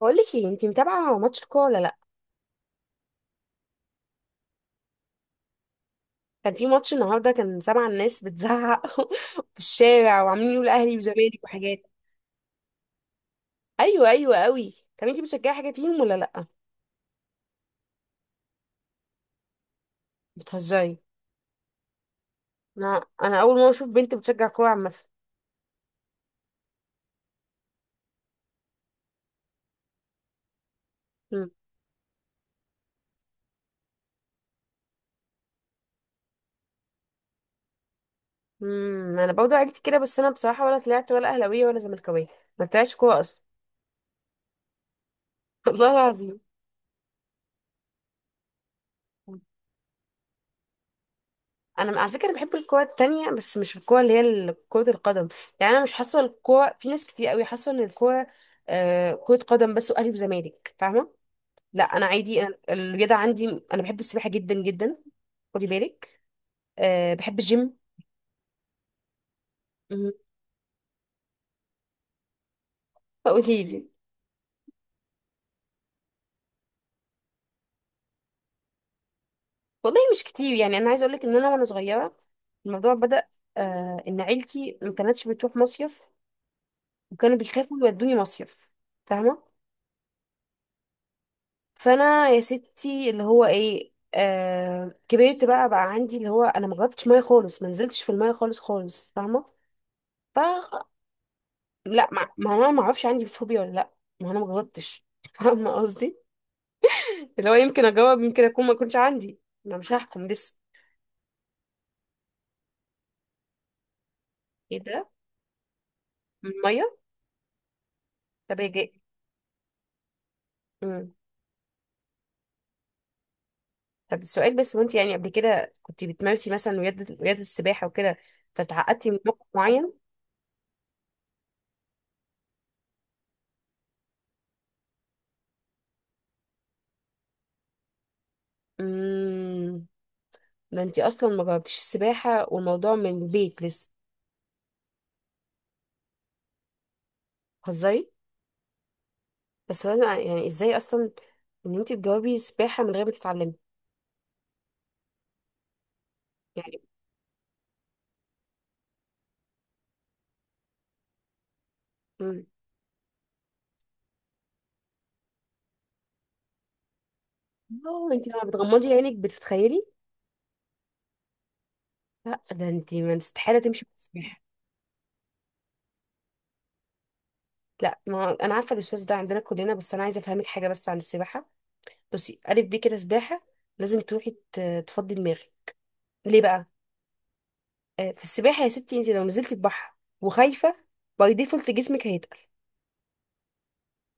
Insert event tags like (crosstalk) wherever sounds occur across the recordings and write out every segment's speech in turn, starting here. بقول لك ايه؟ انت متابعه ماتش الكوره ولا لا؟ كان في ماتش النهارده، كان سامعه الناس بتزعق (laughs) في الشارع وعاملين يقولوا اهلي وزمالك وحاجات. ايوه، ايوه قوي. طب انت بتشجعي حاجه فيهم ولا لا؟ بتهزري؟ انا اول مره اشوف بنت بتشجع كوره عامه. أمم، أمم، انا برضه عيلتي كده، بس انا بصراحه ولا طلعت ولا اهلاويه ولا زملكاويه، ما طلعتش كوره اصلا. (laughs) والله العظيم. انا على فكره بحب الكوره التانية، بس مش الكوره اللي هي كره القدم. يعني انا مش حاسه الكوره، في ناس كتير قوي حاسه ان الكوره كره قدم بس، واهلي وزمالك، فاهمه؟ لا انا عادي، أنا الرياضه عندي انا بحب السباحه جدا جدا. خدي بالك، بحب الجيم. مم. فقولي لي. والله مش كتير، يعني انا عايزه اقول لك ان انا وانا صغيره الموضوع بدأ، ان عيلتي ما كانتش بتروح مصيف وكانوا بيخافوا يودوني مصيف، فاهمه؟ فانا يا ستي اللي هو ايه، كبرت بقى عندي اللي هو انا ما جربتش ميه خالص، ما نزلتش في الميه خالص خالص، فاهمه؟ ف لا ما انا ما اعرفش عندي فوبيا ولا لا. ما انا ما جربتش (laughs) فاهمه قصدي. اللي هو يمكن اجاوب يمكن اكون ما كنتش عندي، انا مش هحكم لسه. ايه ده؟ من الميه؟ طب يا جاي. مم. طب السؤال بس، وانت يعني قبل كده كنت بتمارسي مثلا رياضه رياضه السباحه وكده فتعقدتي من موقف معين؟ مم. ده انتي اصلا ما جربتيش السباحه، والموضوع من البيت لسه. هزاري. بس انا يعني ازاي اصلا ان انتي تجاوبي السباحه من غير ما تتعلمي؟ يعني. امم. اه انتي لما بتغمضي عينك بتتخيلي. لا ده انتي ما استحاله تمشي في السباحه. لا ما انا عارفه الاستاذ ده عندنا كلنا، بس انا عايزه افهمك حاجه بس عن السباحه. بصي الف بيه كده سباحه لازم تروحي تفضي دماغك. ليه بقى؟ في السباحه يا ستي، انتي لو نزلتي البحر وخايفه، باي ديفولت جسمك هيتقل.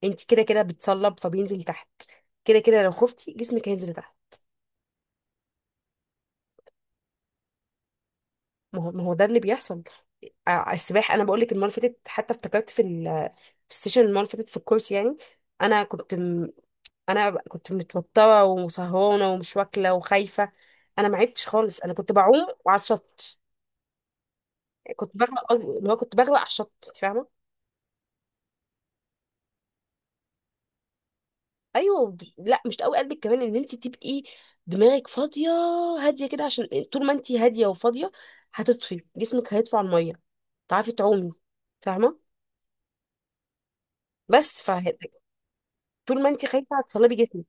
انت كده كده بتصلب فبينزل تحت. كده كده لو خفتي جسمك هينزل تحت. ما هو ما هو ده اللي بيحصل. السباحه انا بقول لك المره اللي فاتت، حتى افتكرت في السيشن المره اللي فاتت في الكورس يعني، انا كنت انا كنت متوتره وسهرانه ومش واكله وخايفه، انا ما عرفتش خالص، انا كنت بعوم وعلى الشط كنت بغرق، قصدي اللي هو كنت بغرق على الشط، انت فاهمه؟ ايوه لا مش قوي قلبك كمان، ان انت تبقي دماغك فاضيه هاديه كده، عشان طول ما انت هاديه وفاضيه هتطفي، جسمك هيطفو على الميه، تعرفي تعومي، فاهمه؟ بس فطول ما انت خايفه هتصلبي جسمك.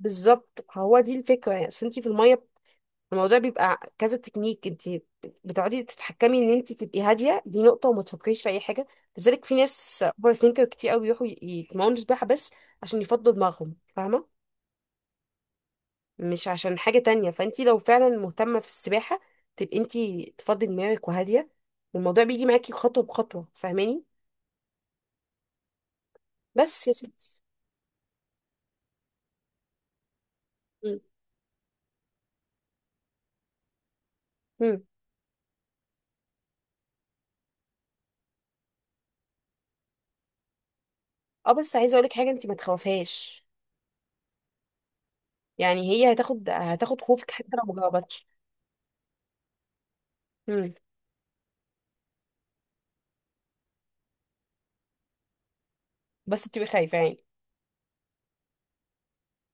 بالظبط، هو دي الفكره، يعني اصل انت في الميه الموضوع بيبقى كذا تكنيك، انت بتقعدي تتحكمي ان انت تبقي هاديه، دي نقطه، وما تفكريش في اي حاجه. لذلك في ناس اوفر ثينكر كتير قوي بيروحوا يتمرنوا سباحه بس عشان يفضوا دماغهم، فاهمه؟ مش عشان حاجه تانية. فانت لو فعلا مهتمه في السباحه تبقي انت تفضي دماغك وهاديه، والموضوع بيجي معاكي خطوه بخطوه، فاهماني؟ بس يا ستي. مم. مم. اه بس عايزه اقولك حاجه، انت ما تخافيهاش، يعني هي هتاخد خوفك حتى لو ما جاوبتش. امم. بس تبقي خايفه يعني.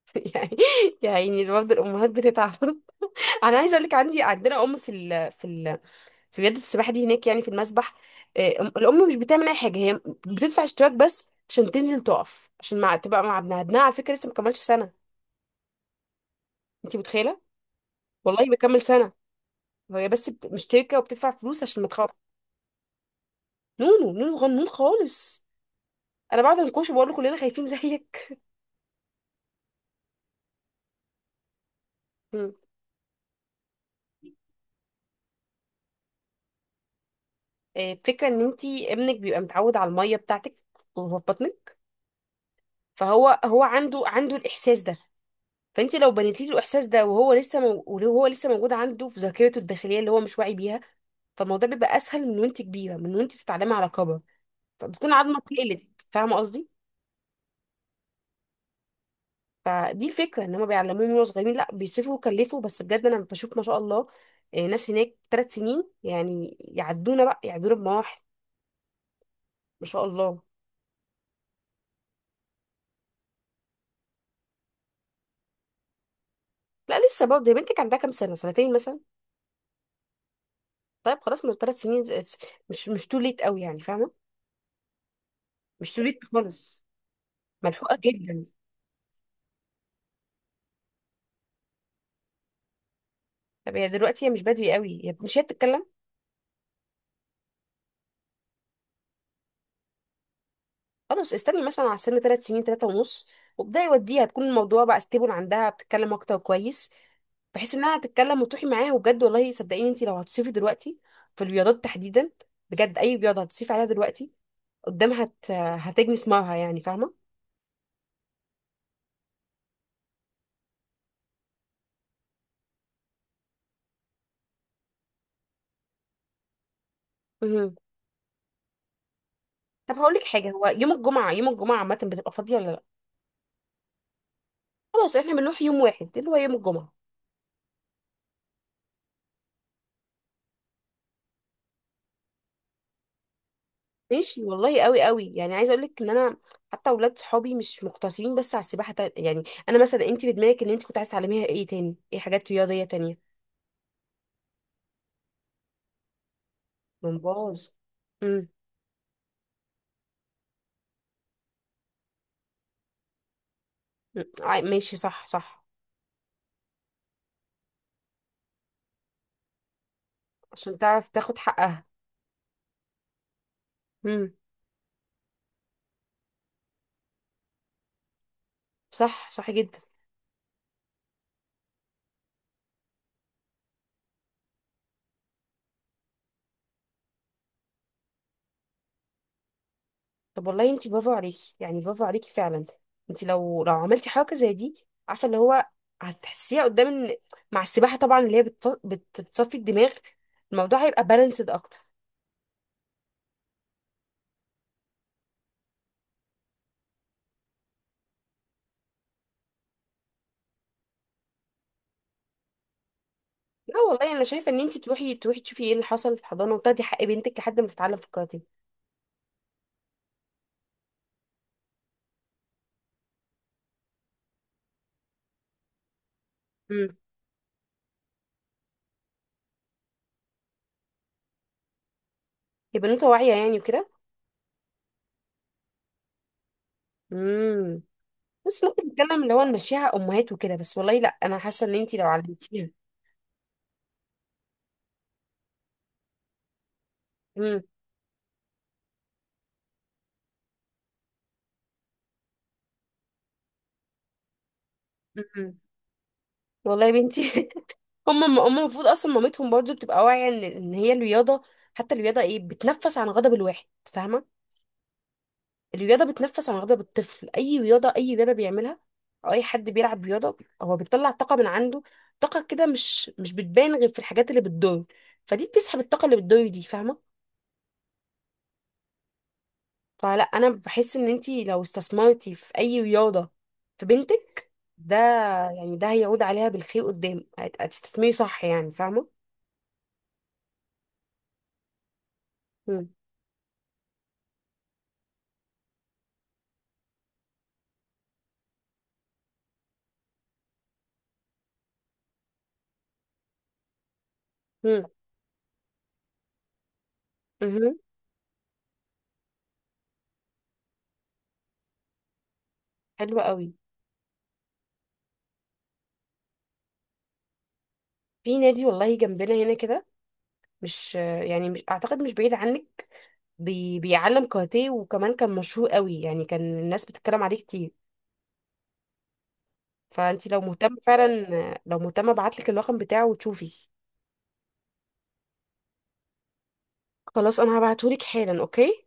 (laughs) يعني يعني برضه الامهات بتتعب. (laughs) انا عايزه اقولك عندنا ام في ال في رياضه السباحه دي هناك، يعني في المسبح، الام مش بتعمل اي حاجه، هي بتدفع اشتراك بس عشان تنزل تقف عشان مع تبقى مع ابنها، ابنها على فكره لسه ما كملش سنه، انت متخيله؟ والله بيكمل سنه. هي بس مشتركه وبتدفع فلوس عشان ما تخاف. نونو نونو غنون خالص. انا بعد انكوش بقول له كلنا خايفين زيك. فكرة ان انتي ابنك بيبقى متعود على المية بتاعتك وهو في بطنك، فهو عنده الاحساس ده، فانت لو بنيتي له الاحساس ده وهو لسه وهو لسه موجود عنده في ذاكرته الداخليه اللي هو مش واعي بيها، فالموضوع بيبقى اسهل من وانت كبيره، من وانت بتتعلمي على كبر فبتكون عظمه اتقلت، فاهمه قصدي؟ فدي الفكره، ان هم بيعلموه من وهو صغيرين، لا بيصرفوا ويكلفوا، بس بجد انا بشوف ما شاء الله، ناس هناك 3 سنين يعني يعدونا بقى، يعدونا بمراحل، ما شاء الله. لا لسه برضه، يا بنتك عندها كام سنه، سنتين مثلا؟ طيب خلاص من 3 سنين مش تو ليت قوي يعني، فاهمه؟ مش تو ليت خالص، ملحوقه جدا. طب هي دلوقتي هي مش بادئه قوي، هي مش هي بتتكلم؟ خلاص استني مثلا على سن 3 سنين، ثلاثه ونص، وابداي وديها، تكون الموضوع بقى ستيبل عندها، بتتكلم اكتر كويس، بحيث انها تتكلم وتروحي معاها، وبجد والله صدقيني، انت لو هتصيفي دلوقتي في الرياضات تحديدا، بجد اي رياضه هتصيفي عليها دلوقتي قدامها هتجني ثمارها، يعني فاهمه؟ مهم. طب هقول لك حاجه، هو يوم الجمعه، يوم الجمعه عامه بتبقى فاضيه ولا لا؟ خلاص احنا بنروح يوم واحد اللي هو يوم الجمعه. ماشي والله، قوي قوي. يعني عايزه اقول لك ان انا حتى اولاد صحابي مش مقتصرين بس على السباحه يعني انا مثلا، انت في دماغك ان انت كنت عايزه تعلميها ايه تاني، ايه حاجات رياضيه تانية؟ جمباز. امم. ماشي، صح صح. عشان تعرف تاخد حقها. امم. صح، صح جدا. طب والله انت برافو عليكي، يعني برافو عليكي فعلا. انت لو عملتي حركه زي دي، عارفه اللي هو هتحسيها قدام مع السباحه طبعا، اللي هي بتصفي الدماغ، الموضوع هيبقى بالانسد اكتر. لا والله انا شايفه ان انت تروحي تشوفي ايه اللي حصل في الحضانه، وتاخدي حق بنتك لحد ما تتعلم في الكاراتيه. امم. يبقى بنوته واعيه يعني وكده. امم. بس ممكن نتكلم اللي هو نمشيها امهات وكده، بس والله لا انا حاسه ان انت لو علمتيها. امم. امم. والله يا بنتي. (laughs) هم المفروض اصلا مامتهم برضو بتبقى واعيه ان إن هي الرياضه، حتى الرياضه ايه، بتنفس عن غضب الواحد، فاهمه؟ الرياضة بتنفس عن بالطفل، أي رياضة بيعملها، أو أي حد بيلعب رياضة هو بيطلع طاقة من عنده، طاقة كده مش بتبان غير في الحاجات اللي بتضر، فدي بتسحب الطاقة اللي بتضر دي، فاهمة؟ فلا أنا بحس إن أنتي لو استثمرتي في أي رياضة في بنتك، ده يعني ده هيعود عليها بالخير قدام هتستثمري صح يعني، فاهمة؟ مم. مم. مهم. حلو قوي. في نادي والله جنبنا هنا كده، مش يعني مش أعتقد مش بعيد عنك، بي بيعلم كاراتيه، وكمان كان مشهور قوي يعني كان الناس بتتكلم عليه كتير، فانت لو مهتمه فعلا، لو مهتمه ابعتلك الرقم بتاعه وتشوفي. خلاص انا هبعتهولك حالا، اوكي.